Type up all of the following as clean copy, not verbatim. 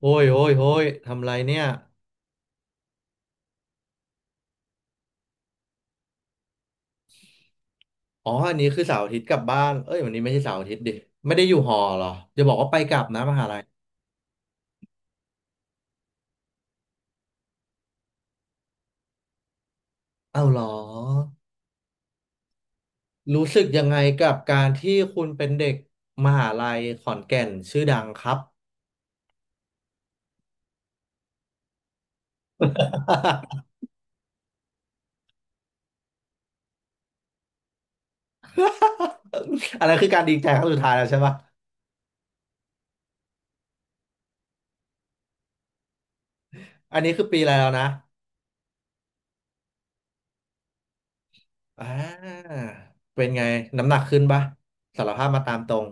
โอ้ยโอ้ยโอ้ยทำไรเนี่ยอ๋ออันนี้คือเสาร์อาทิตย์กลับบ้าน เอ้ยวันนี้ไม่ใช่เสาร์อาทิตย์ดิ ไม่ได้อยู่หอเหรอ จะบอกว่าไปกลับนะมหาลัย เอ้าเหรอ รู้สึกยังไงกับการที่คุณเป็นเด็กมหาลัยขอนแก่นชื่อดังครับ อันนั้นคือการดีใจครั้งสุดท้ายแล้วใช่ปะอันนี้คือปีอะไรแล้วนะอ่าเป็นไง น้ำหนักขึ้นปะสารภาพมาตามตรง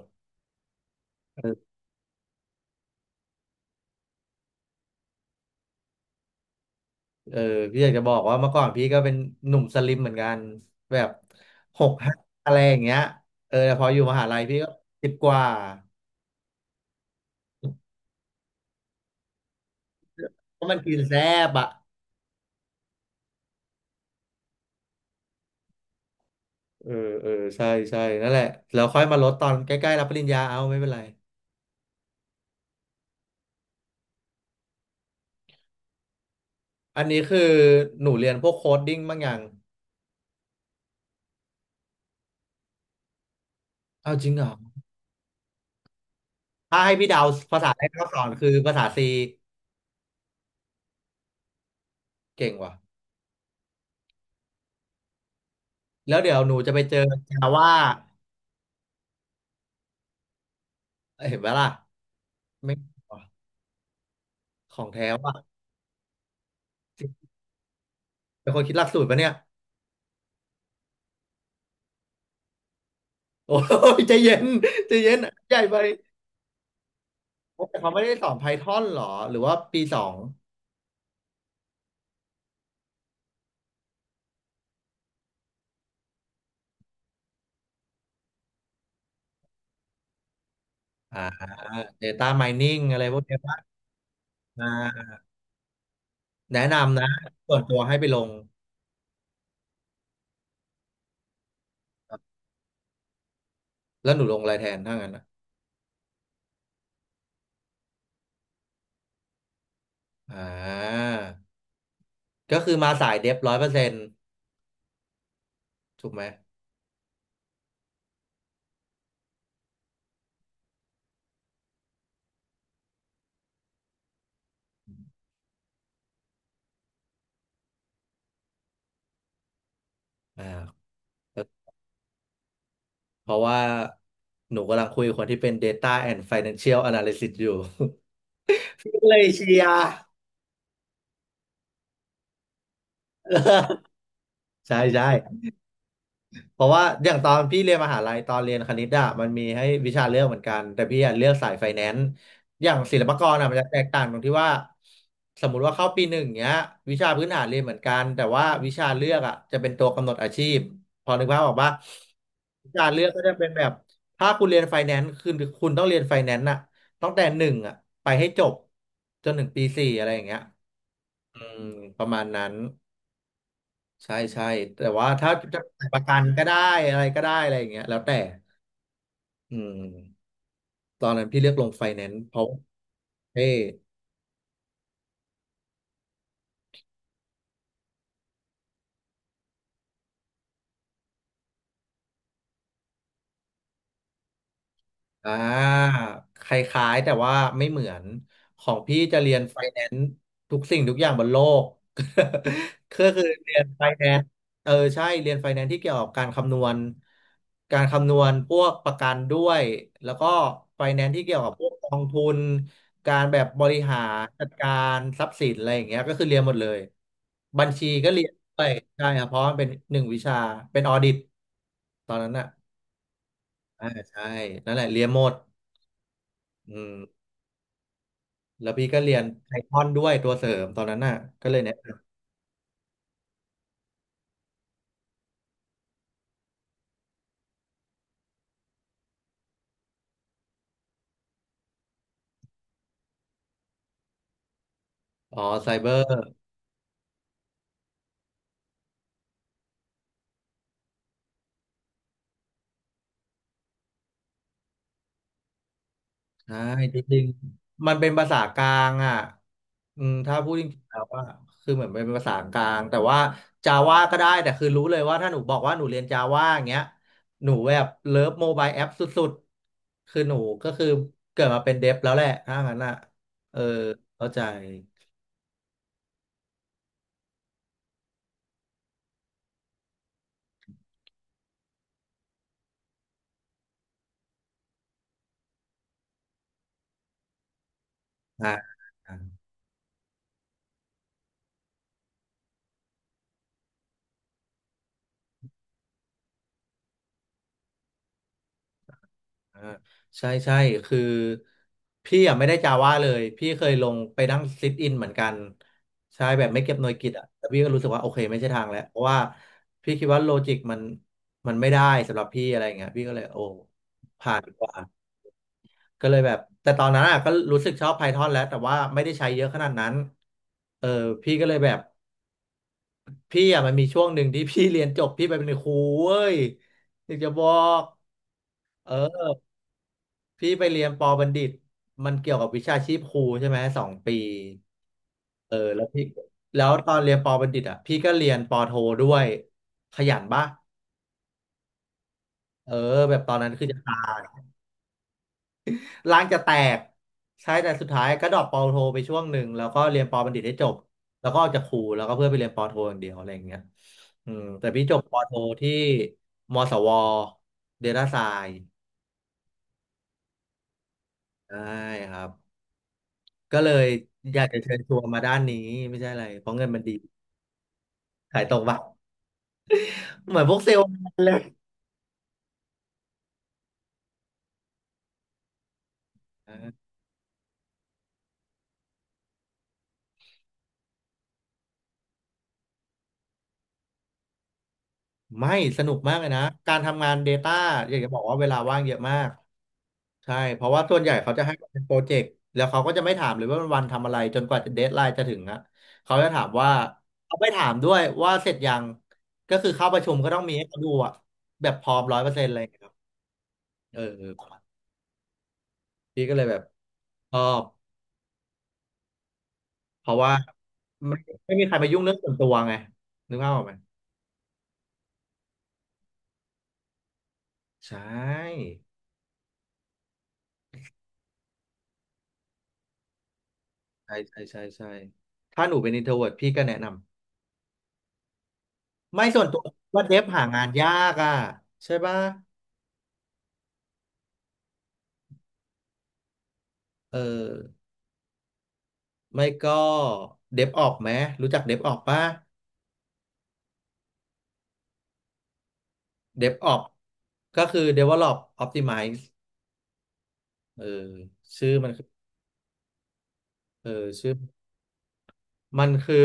เออพี่อยากจะบอกว่าเมื่อก่อนพี่ก็เป็นหนุ่มสลิมเหมือนกันแบบหกห้าอะไรอย่างเงี้ยเออแต่พออยู่มหาลัยพี่ก็สิบกว่าเพราะมันกินแซ่บอ่ะเออเออใช่ใช่นั่นแหละแล้วค่อยมาลดตอนใกล้ๆรับปริญญาเอาไม่เป็นไรอันนี้คือหนูเรียนพวกโคดดิ้งบ้างอย่างเอาจริงเหรอถ้าให้พี่เดาภาษาแรกที่เขาสอนคือภาษา C เก่งว่ะแล้วเดี๋ยวหนูจะไปเจอจาว่าเห็นไหมล่ะไม่งว่ะของแท้ว่ะเป็นคนคิดหลักสูตรปะเนี่ย โอ้ยใจเย็นใจเย็นใหญ่ไปแต่เขาไม่ได้สอน Python หรอหรือว่าปีสองอ่า Data Mining อะไรพวกเนี้ยป่ะอ่าแนะนำนะส่วนตัวให้ไปลงแล้วหนูลงอะไรแทนถ้างั้นนะอ่าก็คือมาสายเดฟ100%ถูกไหมอ่าเพราะว่าหนูกำลังคุยกับคนที่เป็น Data and Financial Analysis อยู่ พี่ก็เลยเชียร์ ใช่ใช่ เพราะว่าอย่างตอนพี่เรียนมหาลัยตอนเรียนคณิตอะมันมีให้วิชาเลือกเหมือนกันแต่พี่อะเลือกสายไฟแนนซ์อย่างศิลปากรอะมันจะแตกต่างตรงที่ว่าสมมุติว่าเข้าปี 1เนี้ยวิชาพื้นฐานเรียนเหมือนกันแต่ว่าวิชาเลือกอะจะเป็นตัวกำหนดอาชีพพอนึกภาพออกปะวิชาเลือกก็จะเป็นแบบถ้าคุณเรียนไฟแนนซ์คือคุณต้องเรียนไฟแนนซ์อะตั้งแต่หนึ่งอะไปให้จบจนถึงปี 4อะไรอย่างเงี้ยอืมประมาณนั้น ใช่ใช่แต่ว่าถ้าจะประกันก็ได้อะไรก็ได้อะไรอย่างเงี้ยแล้วแต่อืมตอนนั้นพี่เลือกลงไฟแนนซ์เพราะเท่ อ่าคล้ายๆแต่ว่าไม่เหมือนของพี่จะเรียนไฟแนนซ์ทุกสิ่งทุกอย่างบนโลก ก็คือเรียนไฟแนนซ์เออใช่เรียนไฟแนนซ์ที่เกี่ยวกับการคำนวณการคำนวณพวกประกันด้วยแล้วก็ไฟแนนซ์ที่เกี่ยวกับพวกกองทุนการแบบบริหารจัดการทรัพย์สินอะไรอย่างเงี้ยก็คือเรียนหมดเลยบัญชีก็เรียนด้วยใช่ครับเพราะมันเป็น1 วิชาเป็นออดิตตอนนั้นอ่ะอ่าใช่นั่นแหละเรียนหมด อืมแล้วพี่ก็เรียนไพทอนด้วยตัวเสริมตอนนั้นน่ะก็เลยเนี่ยอ๋อไซเบอร์ใช่จริงๆมันเป็นภาษากลางอ่ะอืมถ้าพูดจริงๆแล้วว่าคือเหมือนเป็นภาษากลางแต่ว่าจาว่าก็ได้แต่คือรู้เลยว่าถ้าหนูบอกว่าหนูเรียนจาว่าอย่างเงี้ยหนูแบบเลิฟโมบายแอปสุดๆคือหนูก็คือเกิดมาเป็นเดฟแล้วแหละถ้างั้นอ่ะเออเข้าใจอ่า อ่าใช่ใช่คือพี่อ่ะไม่ได้จาว่าเลยพี่เคยลงไปนั่งซิทอินเหมือนกันใช่แบบไม่เก็บหน่วยกิตอ่ะแต่พี่ก็รู้สึกว่าโอเคไม่ใช่ทางแล้วเพราะว่าพี่คิดว่าโลจิกมันไม่ได้สำหรับพี่อะไรอย่างเงี้ยพี่ก็เลยโอ้ผ่านดีกว่าก็เลยแบบแต่ตอนนั้นอ่ะก็รู้สึกชอบ Python แล้วแต่ว่าไม่ได้ใช้เยอะขนาดนั้นเออพี่ก็เลยแบบพี่อ่ะมันมีช่วงหนึ่งที่ พี่เรียนจบพี่ไปเป็นครูเว้ยอยากจะบอกเออ พี่ไปเรียนปอบัณฑิตมันเกี่ยวกับวิชาชีพครูใช่ไหม2 ปีเออแล้วตอนเรียนปอบัณฑิตอ่ะพี่ก็เรียนปอโทด้วยขยันปะเออแบบตอนนั้นคือจะตายร่างจะแตกใช่แต่สุดท้ายก็ดรอปปอโทไปช่วงหนึ่งแล้วก็เรียนปอบัณฑิตให้จบแล้วก็ออกจากครูแล้วก็เพื่อไปเรียนปอโทอย่างเดียวอะไรอย่างเงี้ยอืมแต่พี่จบปอโทที่มศวเดลต้าไซน์ใช่ครับก็เลยอยากจะเชิญชวนมาด้านนี้ไม่ใช่อะไรเพราะเงินมันดี ขายตรงปะเหมือนพวกเซลล์เลยเออไม่สนุกมากเลยนะการทำงาน Data อยากจะบอกว่าเวลาว่างเยอะมากใช่เพราะว่าส่วนใหญ่เขาจะให้เป็นโปรเจกต์แล้วเขาก็จะไม่ถามเลยว่าวันทำอะไรจนกว่าเดดไลน์จะ deadline จะถึงอะเขาจะถามว่าเขาไม่ถามด้วยว่าเสร็จยังก็คือเข้าประชุมก็ต้องมีให้เขาดูอะแบบพร้อม100%อะไรอย่างเงี้ยครับเออเออพี่ก็เลยแบบชอบเพราะว่าไม่ไม่มีใครมายุ่งเรื่องส่วนตัวไงนึกภาพออกไหมใช่ ใช่ใช่ใช่ใช่ถ้าหนูเป็น introvert พี่ก็แนะนำไม่ส่วนตัวว่าเดฟหางานยากอ่ะใช่ป่ะเออไม่ก็เดฟออกไหมรู้จักเดฟออกป่ะเดฟออกก็คือ develop optimize เออชื่อมันคือเออชื่อมันคือ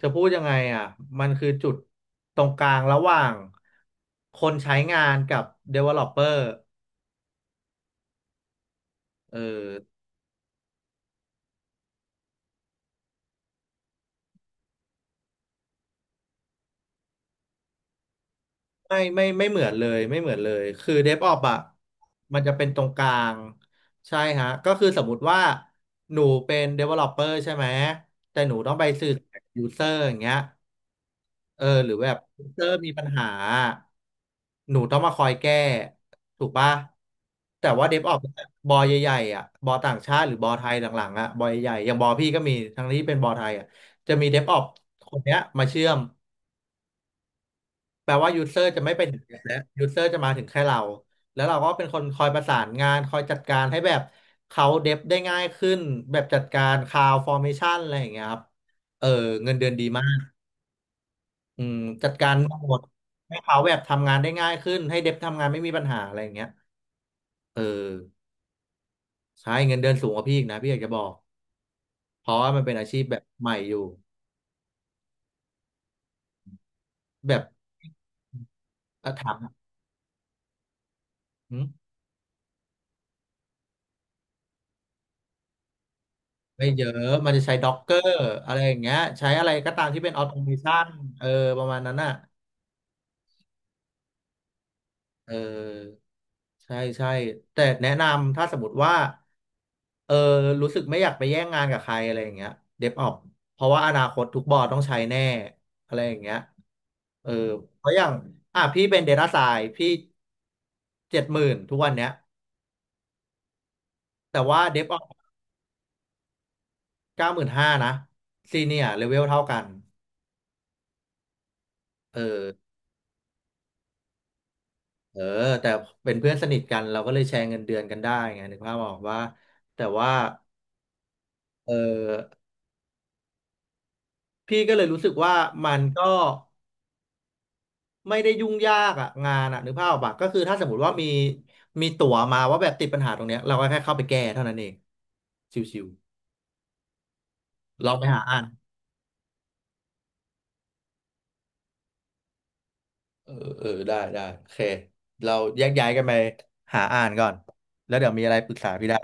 จะพูดยังไงอ่ะมันคือจุดตรงกลางระหว่างคนใช้งานกับ developer เออ ไม่ไม่ไม่เหมือนเลยไม่เหมือนเลยคือ DevOps อ่ะมันจะเป็นตรงกลางใช่ฮะก็คือสมมุติว่าหนูเป็น developer ใช่ไหมแต่หนูต้องไปสื่อสารกับ user อย่างเงี้ยเออหรือแบบ user มีปัญหาหนูต้องมาคอยแก้ถูกปะแต่ว่า DevOps บอใหญ่ๆอ่ะบอต่างชาติหรือบอไทยหลังๆอ่ะบอใหญ่ๆอย่างบอพี่ก็มีทั้งนี้เป็นบอไทยอ่ะจะมี DevOps คนเนี้ยมาเชื่อม แปลว่ายูเซอร์จะไม่ไปถึงแอปแล้วยูเซอร์จะมาถึงแค่เราแล้วเราก็เป็นคนคอยประสานงานคอยจัดการให้แบบเขาเดฟได้ง่ายขึ้นแบบจัดการคลาวฟอร์เมชันอะไรอย่างเงี้ยครับเออเงินเดือนดีมากอืมจัดการหมดให้เขาแบบทำงานได้ง่ายขึ้นให้เดฟทำงานไม่มีปัญหาอะไรอย่างเงี้ยเออใช่เงินเดือนสูงกว่าพี่อีกนะพี่อยากจะบอกเพราะว่ามันเป็นอาชีพแบบใหม่อยู่แบบอ่ะถามอืม ไม่เยอะ มันจะใช้ด็อกเกอร์อะไรอย่างเงี้ยใช้อะไรก็ตามที่เป็นออโตเมชันเออประมาณนั้นอ่ะเออใช่ใช่แต่แนะนำถ้าสมมติว่าเออรู้สึกไม่อยากไปแย่งงานกับใครอะไรอย่างเงี้ยเดฟออกเพราะว่าอนาคตทุกบอร์ดต้องใช้แน่อะไรอย่างเงี้ยเออเพราะอย่างอ่ะพี่เป็น Data Science พี่70,000ทุกวันเนี้ยแต่ว่าเดฟออก95,000นะซีเนียร์เลเวลเท่ากันเออ เออแต่เป็นเพื่อนสนิทกันเราก็เลยแชร์เงินเดือนกันได้ไงนึกภาพออกว่าแต่ว่าเออพี่ก็เลยรู้สึกว่ามันก็ไม่ได้ยุ่งยากอะงานอะนึกภาพออกปะก็คือถ้าสมมติว่ามีมีตั๋วมาว่าแบบติดปัญหาตรงเนี้ยเราก็แค่เข้าไปแก้เท่านั้นเองชิวๆลองไปหาอ่านเออเออได้ได้โอเคเราแยกย้ายกันไปหาอ่านก่อนแล้วเดี๋ยวมีอะไรปรึกษาพี่ได้